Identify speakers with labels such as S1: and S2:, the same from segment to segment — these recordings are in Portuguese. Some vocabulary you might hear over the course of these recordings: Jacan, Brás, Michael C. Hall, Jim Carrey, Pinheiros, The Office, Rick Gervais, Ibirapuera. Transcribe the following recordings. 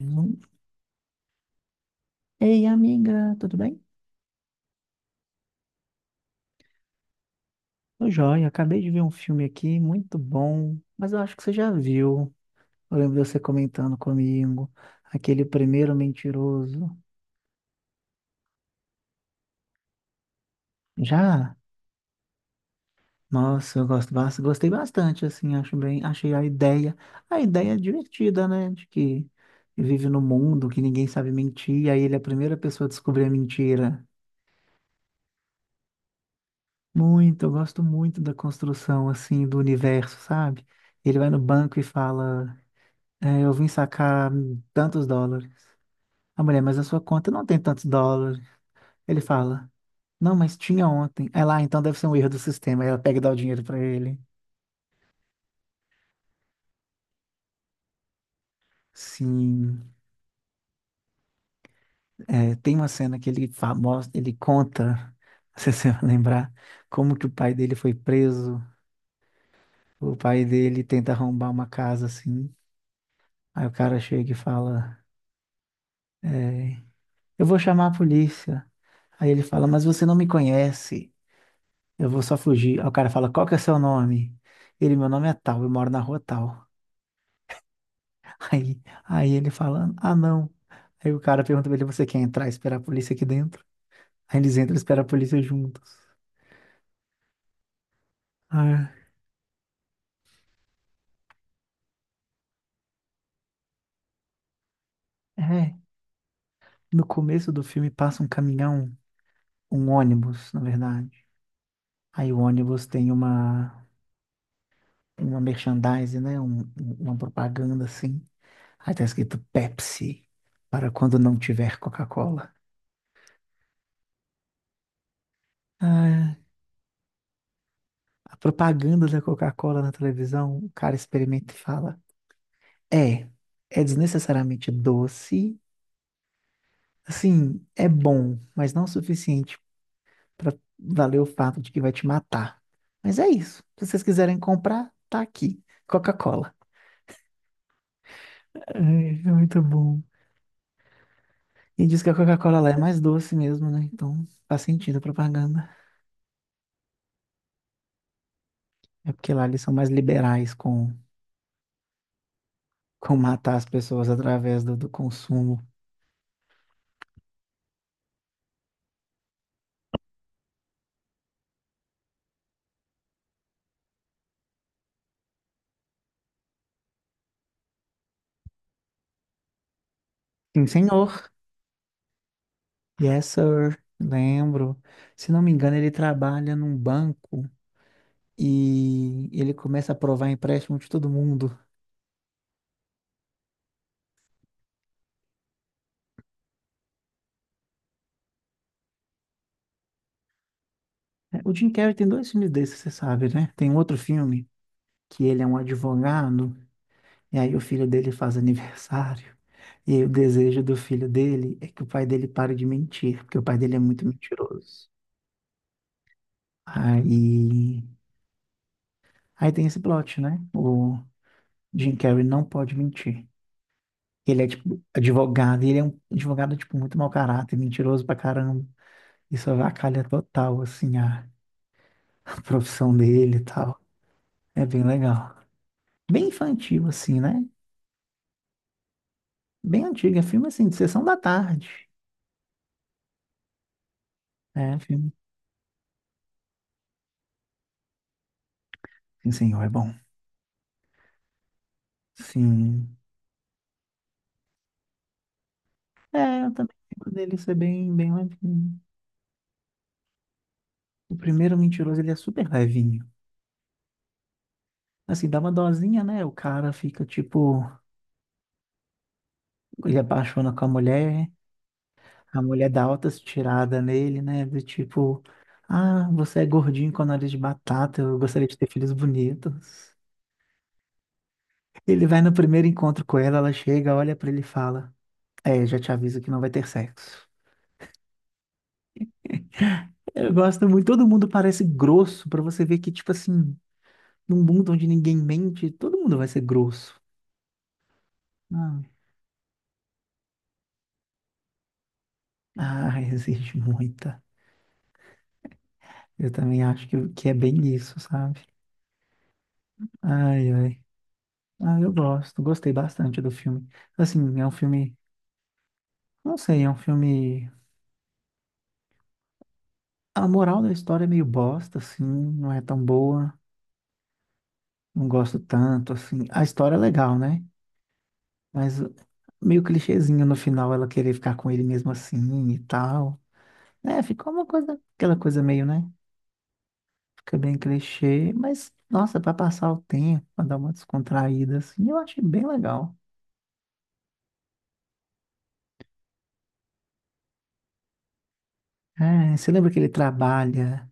S1: Hum. Ei, amiga, tudo bem? Tô joia, acabei de ver um filme aqui muito bom, mas eu acho que você já viu. Eu lembro de você comentando comigo, aquele primeiro mentiroso. Já? Nossa, eu gosto, gostei bastante, assim, acho bem, achei a ideia divertida, né? De que vive no mundo que ninguém sabe mentir, aí ele é a primeira pessoa a descobrir a mentira. Muito, eu gosto muito da construção, assim, do universo, sabe? Ele vai no banco e fala. É, eu vim sacar tantos dólares. A mulher, mas a sua conta não tem tantos dólares. Ele fala, não, mas tinha ontem. Aí lá, então deve ser um erro do sistema. Aí ela pega e dá o dinheiro pra ele. Sim, é, tem uma cena que ele mostra, ele conta, não se você vai lembrar, como que o pai dele foi preso. O pai dele tenta arrombar uma casa assim. Aí o cara chega e fala, é, eu vou chamar a polícia. Aí ele fala, mas você não me conhece. Eu vou só fugir. Aí o cara fala, qual que é seu nome? Ele, meu nome é tal, eu moro na rua tal. Aí, ele fala, ah, não. Aí o cara pergunta pra ele, você quer entrar e esperar a polícia aqui dentro? Aí eles entram e esperam a polícia juntos. Ah, é, no começo do filme passa um caminhão, um ônibus, na verdade. Aí o ônibus tem uma merchandise, né? Uma propaganda assim. Aí tá escrito Pepsi, para quando não tiver Coca-Cola. Ah, a propaganda da Coca-Cola na televisão, o cara experimenta e fala: É, é desnecessariamente doce. Assim, é bom, mas não o suficiente para valer o fato de que vai te matar. Mas é isso. Se vocês quiserem comprar, tá aqui. Coca-Cola. Ai, é muito bom. E diz que a Coca-Cola lá é mais doce mesmo, né? Então faz sentido a propaganda. É porque lá eles são mais liberais com matar as pessoas através do consumo. Sim, senhor. Yes, sir. Lembro. Se não me engano, ele trabalha num banco e ele começa a aprovar empréstimo de todo mundo. É, o Jim Carrey tem dois filmes desses, você sabe, né? Tem um outro filme que ele é um advogado e aí o filho dele faz aniversário. E aí o desejo do filho dele é que o pai dele pare de mentir, porque o pai dele é muito mentiroso. Aí, aí, tem esse plot, né? O Jim Carrey não pode mentir. Ele é, tipo, advogado, e ele é um advogado, tipo, muito mau caráter, mentiroso pra caramba. Isso avacalha total, assim, a profissão dele e tal. É bem legal. Bem infantil, assim, né? Bem antigo, é filme, assim, de sessão da tarde. É, filme. Sim, senhor, é bom. Sim. É, eu também lembro dele ser bem, bem levinho. O primeiro mentiroso, ele é super levinho. Assim, dá uma dosinha, né? O cara fica, tipo, ele apaixona com a mulher. A mulher dá altas tiradas nele, né? Do tipo, ah, você é gordinho com nariz de batata, eu gostaria de ter filhos bonitos. Ele vai no primeiro encontro com ela, ela chega, olha pra ele e fala: É, já te aviso que não vai ter sexo. Eu gosto muito, todo mundo parece grosso, pra você ver que, tipo assim, num mundo onde ninguém mente, todo mundo vai ser grosso. Ah, ah, existe muita. Eu também acho que é bem isso, sabe? Ai, ai. Ah, eu gosto, gostei bastante do filme. Assim, é um filme. Não sei, é um filme. A moral da história é meio bosta, assim, não é tão boa, não gosto tanto, assim. A história é legal, né? Mas meio clichêzinho no final ela querer ficar com ele mesmo assim e tal. É, ficou uma coisa, aquela coisa meio, né? Fica bem clichê, mas nossa, pra passar o tempo, pra dar uma descontraída, assim, eu achei bem legal. É, você lembra que ele trabalha?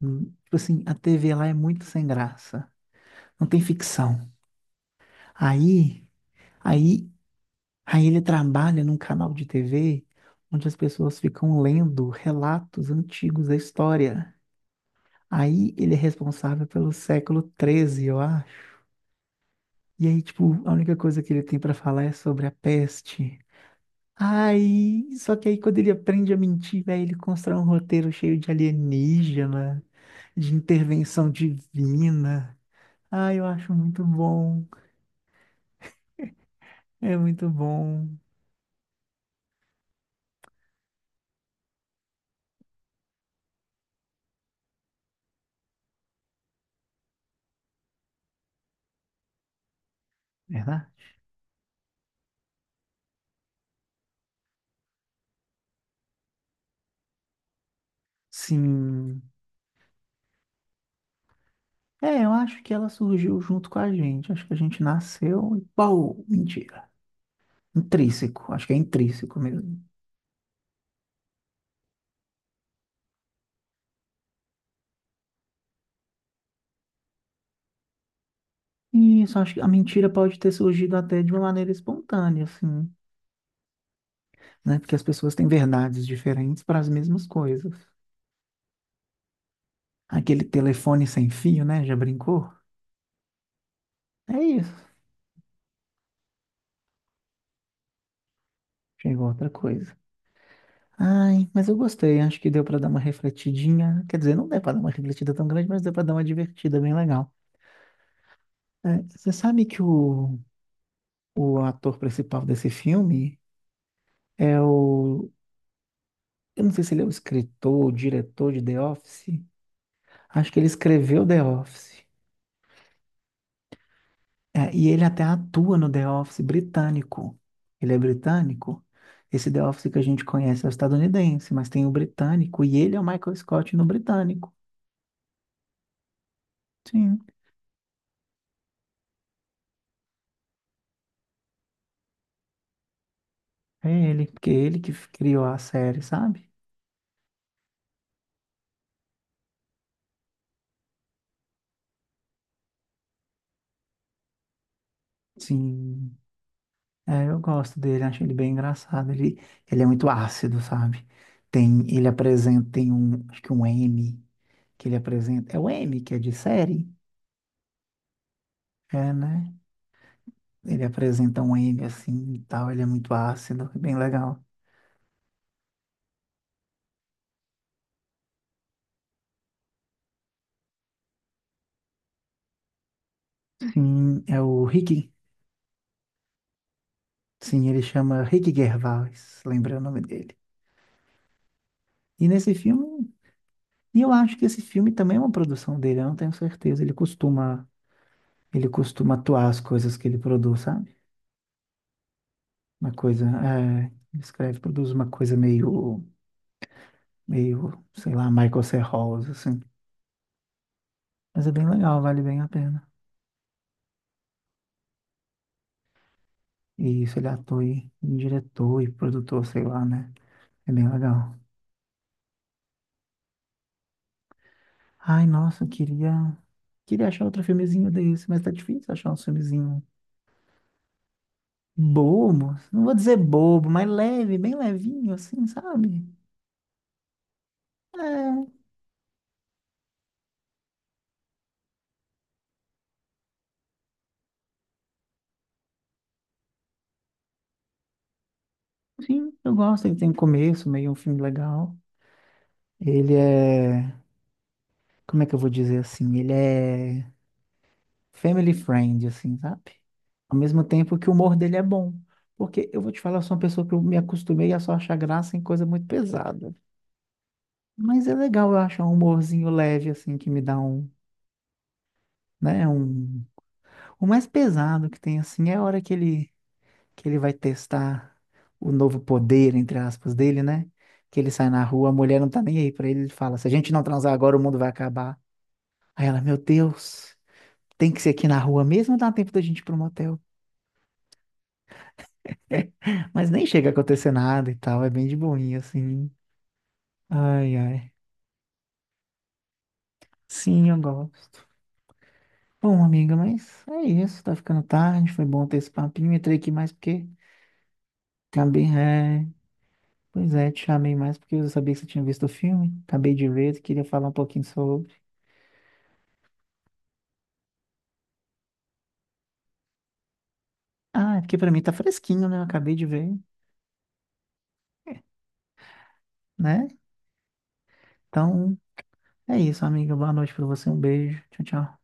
S1: Tipo assim, a TV lá é muito sem graça, não tem ficção. Aí. Aí Aí, ele trabalha num canal de TV onde as pessoas ficam lendo relatos antigos da história. Aí ele é responsável pelo século 13, eu acho. E aí, tipo, a única coisa que ele tem pra falar é sobre a peste. Aí, só que aí quando ele aprende a mentir, velho, ele constrói um roteiro cheio de alienígena, de intervenção divina. Ah, eu acho muito bom. É muito bom. Verdade? Sim. É, eu acho que ela surgiu junto com a gente. Acho que a gente nasceu e pau, mentira. Intrínseco, acho que é intrínseco mesmo. E isso, acho que a mentira pode ter surgido até de uma maneira espontânea, assim, né? Porque as pessoas têm verdades diferentes para as mesmas coisas. Aquele telefone sem fio, né? Já brincou? É isso. Chegou outra coisa. Ai, mas eu gostei. Acho que deu para dar uma refletidinha. Quer dizer, não deu para dar uma refletida tão grande, mas deu para dar uma divertida bem legal. É, você sabe que o ator principal desse filme é o. Eu não sei se ele é o escritor, o diretor de The Office. Acho que ele escreveu The Office. É, e ele até atua no The Office britânico. Ele é britânico. Esse The Office que a gente conhece é o estadunidense, mas tem o britânico. E ele é o Michael Scott no britânico. Sim, é ele. Porque é ele que criou a série, sabe? Sim. É, eu gosto dele, acho ele bem engraçado. Ele é muito ácido, sabe? Tem, ele apresenta, tem um, acho que um M que ele apresenta. É o M que é de série? É, né? Ele apresenta um M assim e tal, ele é muito ácido, é bem legal. Sim, é o Rick. Sim, ele chama Rick Gervais, lembrei o nome dele. E nesse filme, e eu acho que esse filme também é uma produção dele, eu não tenho certeza. Ele costuma atuar as coisas que ele produz, sabe? Uma coisa, é, ele escreve, produz uma coisa meio, meio, sei lá, Michael C. Hall, assim. Mas é bem legal, vale bem a pena. E isso, ele é ator e diretor e produtor, sei lá, né? É bem legal. Ai, nossa, eu queria, queria achar outro filmezinho desse, mas tá difícil achar um filmezinho bobo. Não vou dizer bobo, mas leve, bem levinho, assim, sabe? É, sim, eu gosto. Ele tem um começo, meio um filme legal. Ele é, como é que eu vou dizer assim? Ele é family friend, assim, sabe? Ao mesmo tempo que o humor dele é bom. Porque eu vou te falar, eu sou uma pessoa que eu me acostumei a só achar graça em coisa muito pesada. Mas é legal eu achar um humorzinho leve, assim, que me dá um, né, um... O mais pesado que tem, assim, é a hora que ele vai testar o novo poder, entre aspas, dele, né? Que ele sai na rua, a mulher não tá nem aí pra ele, ele fala, se a gente não transar agora, o mundo vai acabar. Aí ela, meu Deus, tem que ser aqui na rua mesmo ou dá tempo da gente ir pro motel? Mas nem chega a acontecer nada e tal, é bem de boinha, assim. Ai, ai. Sim, eu gosto. Bom, amiga, mas é isso, tá ficando tarde, foi bom ter esse papinho. Entrei aqui mais porque acabei. É... Pois é, te chamei mais porque eu sabia que você tinha visto o filme. Acabei de ver, queria falar um pouquinho sobre. Ah, é porque pra mim tá fresquinho, né? Eu acabei de ver, né? Então, é isso, amiga. Boa noite pra você, um beijo. Tchau, tchau.